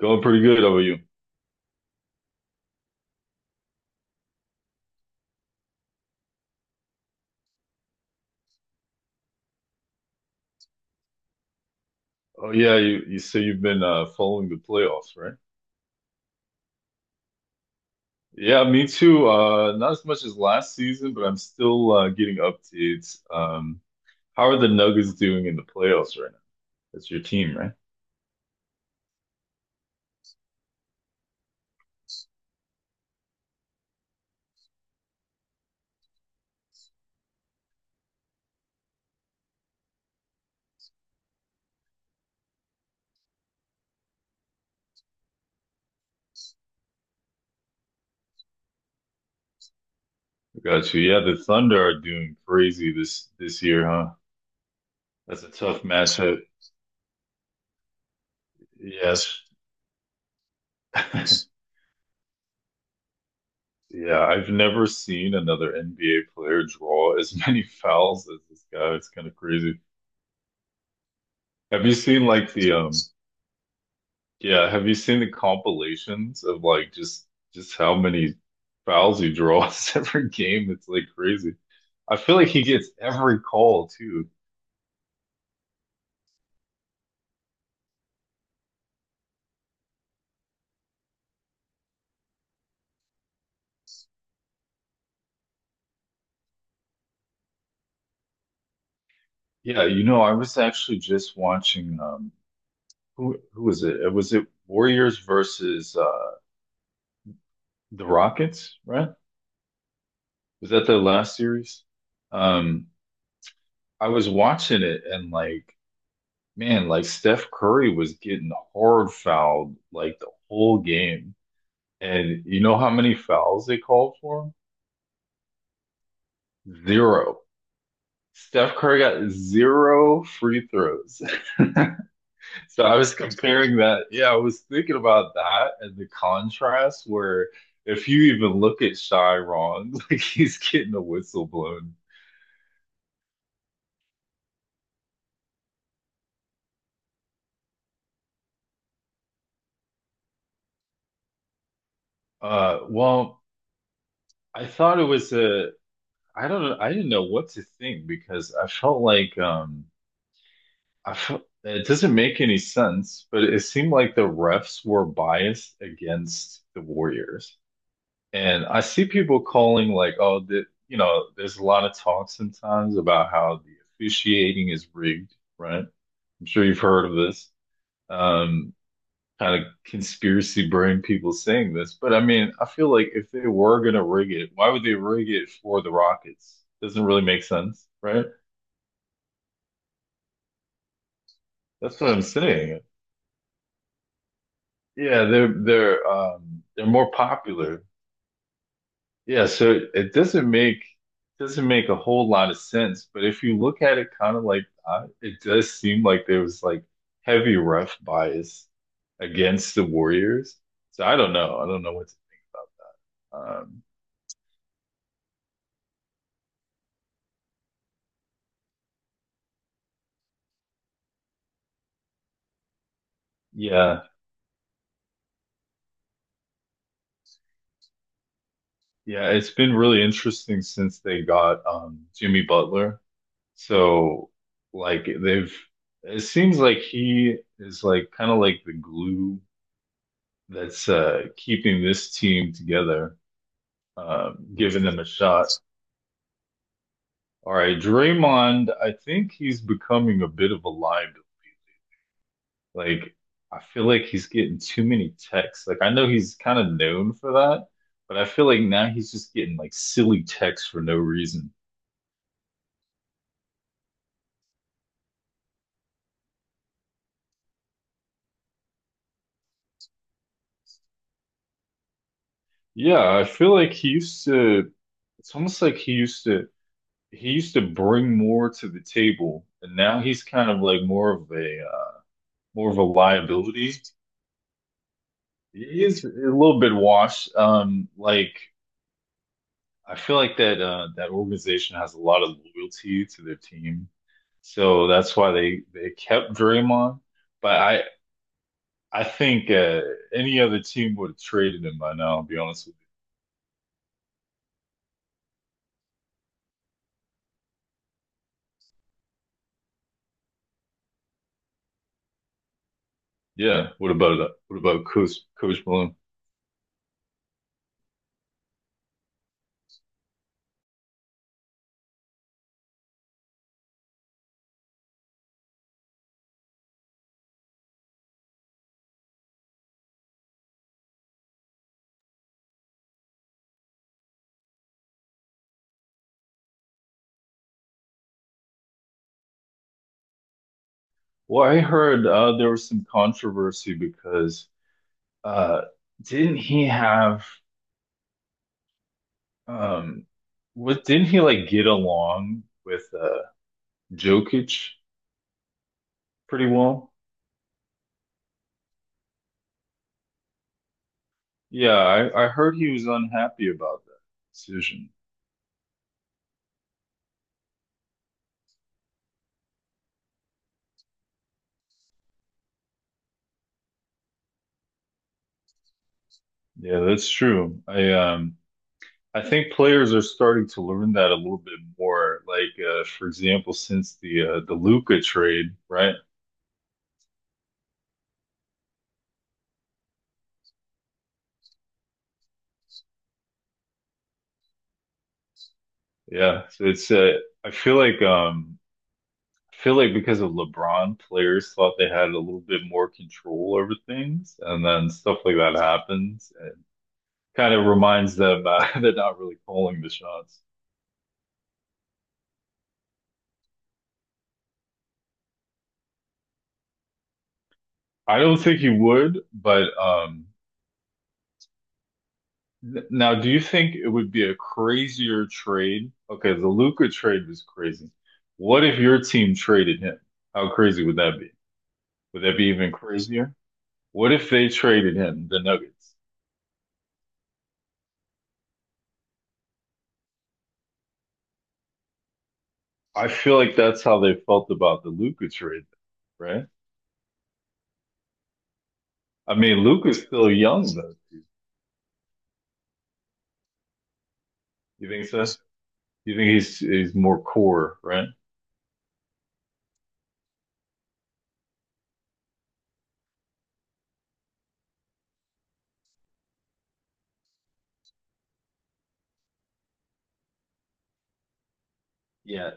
Going pretty good. How about you? Oh yeah, you say you've been following the playoffs, right? Yeah, me too. Not as much as last season, but I'm still getting updates. How are the Nuggets doing in the playoffs right now? That's your team, right? I got you. Yeah, the Thunder are doing crazy this year, huh? That's a tough matchup. Yes. Yeah, I've never seen another NBA player draw as many fouls as this guy. It's kind of crazy. Have you seen like the Yeah, have you seen the compilations of like just how many fouls he draws every game? It's like crazy. I feel like he gets every call too. Yeah, I was actually just watching who was it? Was it Warriors versus the Rockets, right? Was that their last series? Um I was watching it and like man, like Steph Curry was getting hard fouled like the whole game. And you know how many fouls they called for him? Zero. Steph Curry got zero free throws. So I was comparing that. Yeah, I was thinking about that and the contrast where if you even look at Chiron, like he's getting a whistle blown. Uh, well, I thought I don't know, I didn't know what to think because I felt like I felt it doesn't make any sense, but it seemed like the refs were biased against the Warriors. And I see people calling like, oh, you know, there's a lot of talk sometimes about how the officiating is rigged, right? I'm sure you've heard of this. Um, kind of conspiracy brain people saying this, but I mean, I feel like if they were gonna rig it, why would they rig it for the Rockets? Doesn't really make sense, right? That's what I'm saying. Yeah, they're they're more popular. Yeah, so it doesn't make a whole lot of sense, but if you look at it kind of like it does seem like there was like heavy ref bias against the Warriors. So I don't know. I don't know what's um yeah. Yeah, it's been really interesting since they got Jimmy Butler. So like they've it seems like he is like kind of like the glue that's keeping this team together, giving them a shot. All right, Draymond, I think he's becoming a bit of a liability. Like, I feel like he's getting too many texts. Like, I know he's kind of known for that, but I feel like now he's just getting like silly texts for no reason. Yeah, I feel like he used to, it's almost like he used to bring more to the table, and now he's kind of like more of more of a liability. He is a little bit washed. Like, I feel like that that organization has a lot of loyalty to their team, so that's why they kept Draymond. But I think any other team would have traded him by now. I'll be honest with you. Yeah. What about Coach Malone? Well, I heard there was some controversy because uh, didn't he have um what didn't he like get along with Jokic pretty well? Yeah, I heard he was unhappy about that decision. Yeah, that's true. I think players are starting to learn that a little bit more. Like for example, since the Luka trade, right? Yeah, so it's I feel like I feel like because of LeBron, players thought they had a little bit more control over things, and then stuff like that happens, and kind of reminds them they're not really calling the shots. I don't think he would, but. N- Now, do you think it would be a crazier trade? Okay, the Luca trade was crazy. What if your team traded him? How crazy would that be? Would that be even crazier? What if they traded him, the Nuggets? I feel like that's how they felt about the Luca trade, right? I mean, Luca's still young though. You think so? You think he's more core, right? Yeah.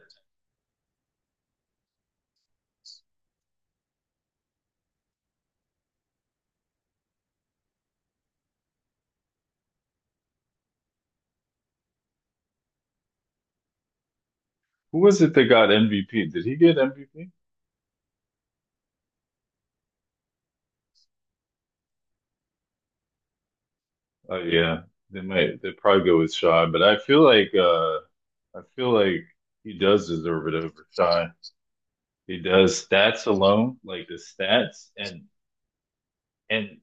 Who was it that got MVP? Did he get MVP? Oh yeah, they probably go with Shy, but I feel like I feel like he does deserve it over Shy. He does stats alone, like the stats and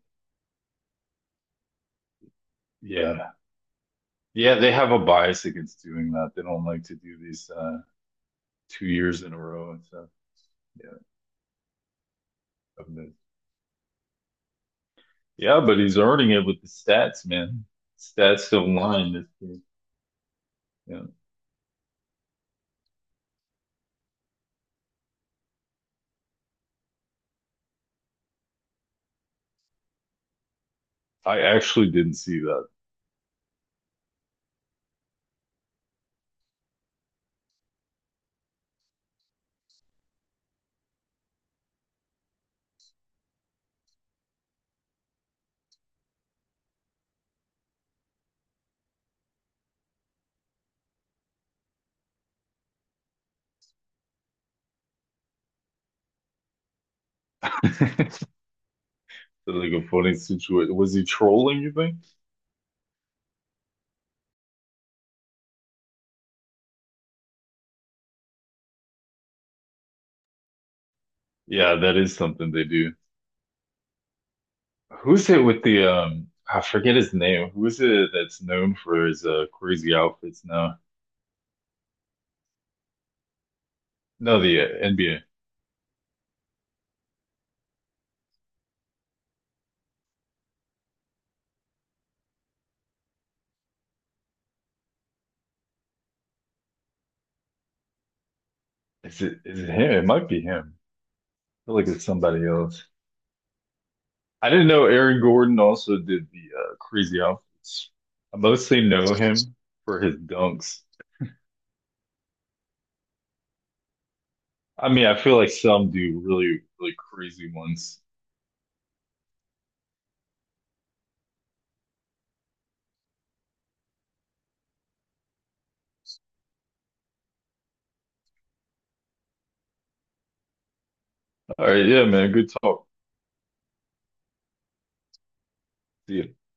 yeah. Yeah, they have a bias against doing that. They don't like to do these 2 years in a row and stuff. Yeah. of the- Yeah, but he's earning it with the stats, man. Stats don't lie in this game. Yeah. I actually didn't see that. Like a funny situation. Was he trolling, you think? Yeah, that is something they do. Who's it with the I forget his name. Who is it that's known for his crazy outfits now? No, the NBA. Is it him? It might be him. I feel like it's somebody else. I didn't know Aaron Gordon also did the crazy outfits. I mostly know him for his dunks. I mean, I feel like some do really, really crazy ones. All right, yeah, man. Good talk. See you.